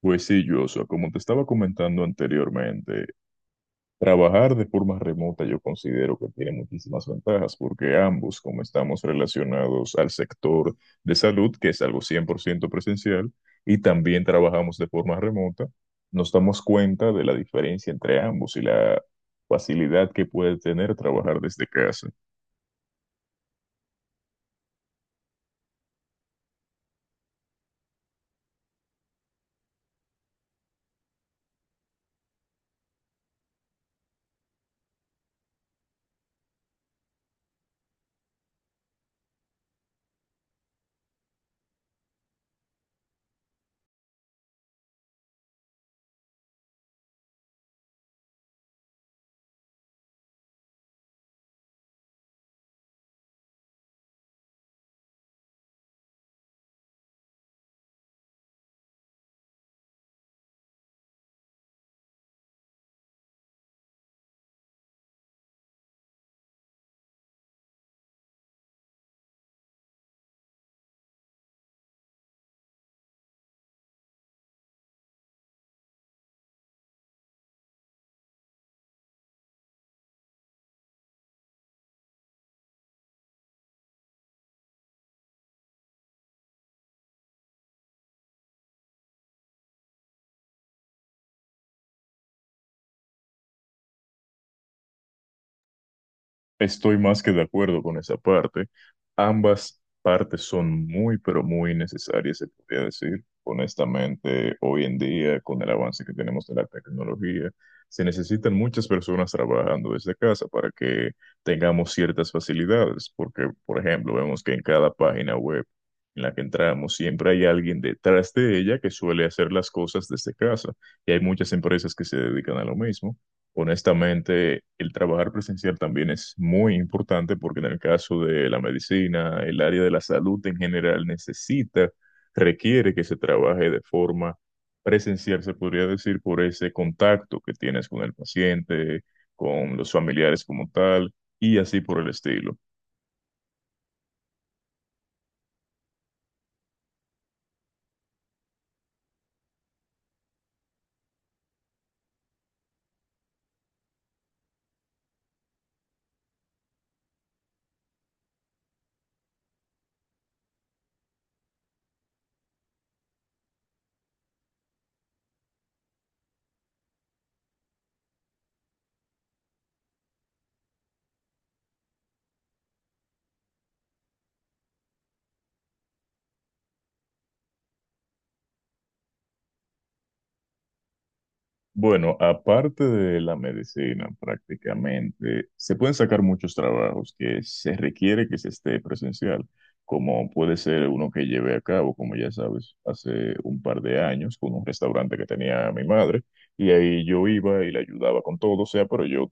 Pues sí, Joshua, como te estaba comentando anteriormente, trabajar de forma remota yo considero que tiene muchísimas ventajas porque ambos, como estamos relacionados al sector de salud, que es algo 100% presencial, y también trabajamos de forma remota, nos damos cuenta de la diferencia entre ambos y la facilidad que puede tener trabajar desde casa. Estoy más que de acuerdo con esa parte. Ambas partes son muy, pero muy necesarias, se podría decir. Honestamente, hoy en día, con el avance que tenemos de la tecnología, se necesitan muchas personas trabajando desde casa para que tengamos ciertas facilidades, porque, por ejemplo, vemos que en cada página web en la que entramos, siempre hay alguien detrás de ella que suele hacer las cosas desde casa, y hay muchas empresas que se dedican a lo mismo. Honestamente, el trabajar presencial también es muy importante porque en el caso de la medicina, el área de la salud en general necesita, requiere que se trabaje de forma presencial, se podría decir, por ese contacto que tienes con el paciente, con los familiares como tal, y así por el estilo. Bueno, aparte de la medicina, prácticamente se pueden sacar muchos trabajos que se requiere que se esté presencial, como puede ser uno que llevé a cabo, como ya sabes, hace un par de años con un restaurante que tenía mi madre, y ahí yo iba y le ayudaba con todo, o sea, pero yo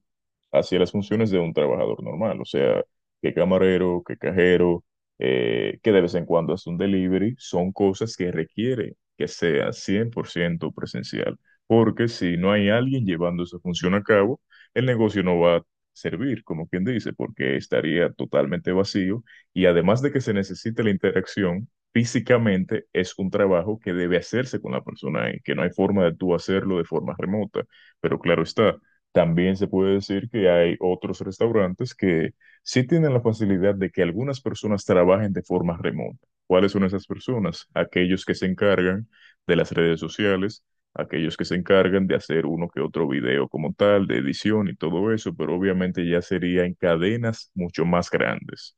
hacía las funciones de un trabajador normal, o sea, que camarero, que cajero, que de vez en cuando hace un delivery, son cosas que requiere que sea 100% presencial porque si no hay alguien llevando esa función a cabo, el negocio no va a servir, como quien dice, porque estaría totalmente vacío y además de que se necesite la interacción, físicamente es un trabajo que debe hacerse con la persona y que no hay forma de tú hacerlo de forma remota, pero claro está. También se puede decir que hay otros restaurantes que sí tienen la facilidad de que algunas personas trabajen de forma remota. ¿Cuáles son esas personas? Aquellos que se encargan de las redes sociales, aquellos que se encargan de hacer uno que otro video como tal, de edición y todo eso, pero obviamente ya sería en cadenas mucho más grandes.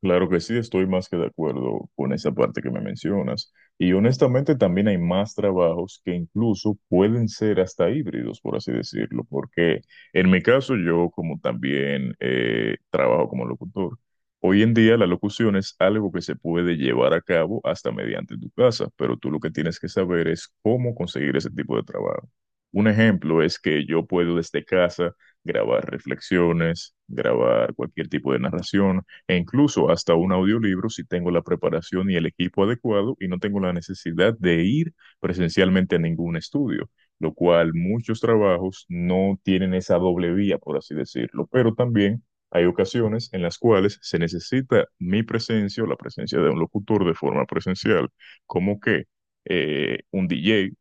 Claro que sí, estoy más que de acuerdo con esa parte que me mencionas. Y honestamente también hay más trabajos que incluso pueden ser hasta híbridos, por así decirlo, porque en mi caso yo como también trabajo como locutor, hoy en día la locución es algo que se puede llevar a cabo hasta mediante tu casa, pero tú lo que tienes que saber es cómo conseguir ese tipo de trabajo. Un ejemplo es que yo puedo desde casa grabar reflexiones, grabar cualquier tipo de narración e incluso hasta un audiolibro si tengo la preparación y el equipo adecuado y no tengo la necesidad de ir presencialmente a ningún estudio, lo cual muchos trabajos no tienen esa doble vía, por así decirlo, pero también hay ocasiones en las cuales se necesita mi presencia o la presencia de un locutor de forma presencial, como que un DJ,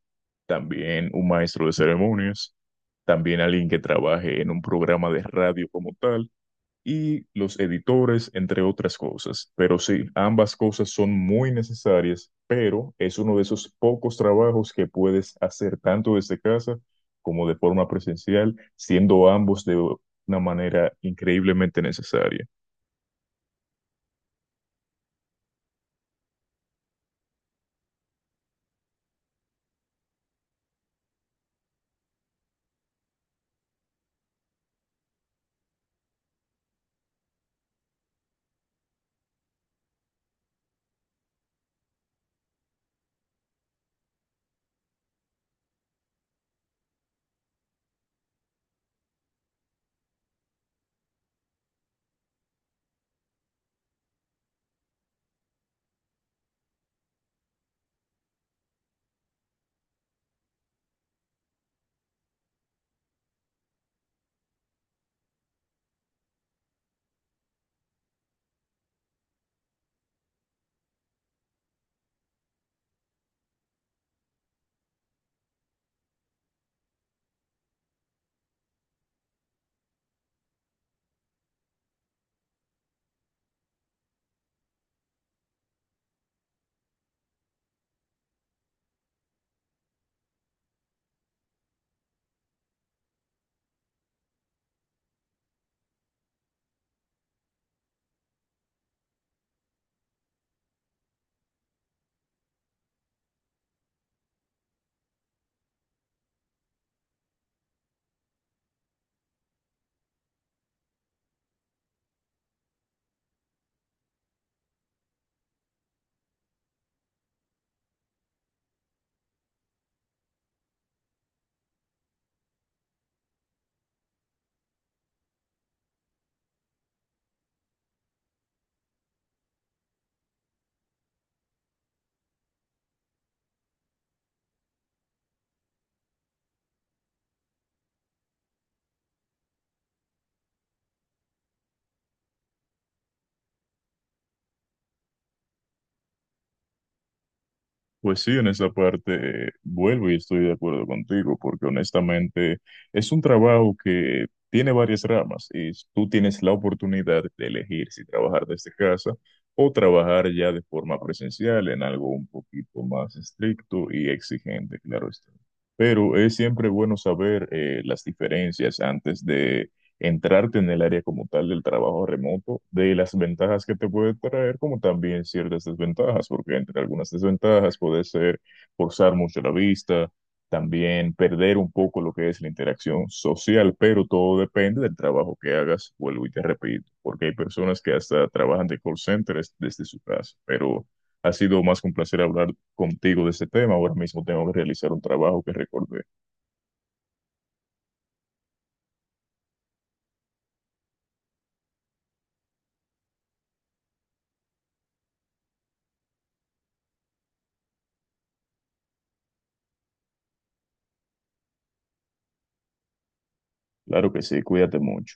también un maestro de ceremonias, también alguien que trabaje en un programa de radio como tal, y los editores, entre otras cosas. Pero sí, ambas cosas son muy necesarias, pero es uno de esos pocos trabajos que puedes hacer tanto desde casa como de forma presencial, siendo ambos de una manera increíblemente necesaria. Pues sí, en esa parte vuelvo y estoy de acuerdo contigo, porque honestamente es un trabajo que tiene varias ramas y tú tienes la oportunidad de elegir si trabajar desde casa o trabajar ya de forma presencial en algo un poquito más estricto y exigente, claro está. Pero es siempre bueno saber las diferencias antes de entrarte en el área como tal del trabajo remoto, de las ventajas que te puede traer, como también ciertas desventajas, porque entre algunas desventajas puede ser forzar mucho la vista, también perder un poco lo que es la interacción social, pero todo depende del trabajo que hagas, vuelvo y te repito, porque hay personas que hasta trabajan de call centers desde su casa, pero... Ha sido más que un placer hablar contigo de este tema. Ahora mismo tengo que realizar un trabajo que recordé. Claro que sí, cuídate mucho.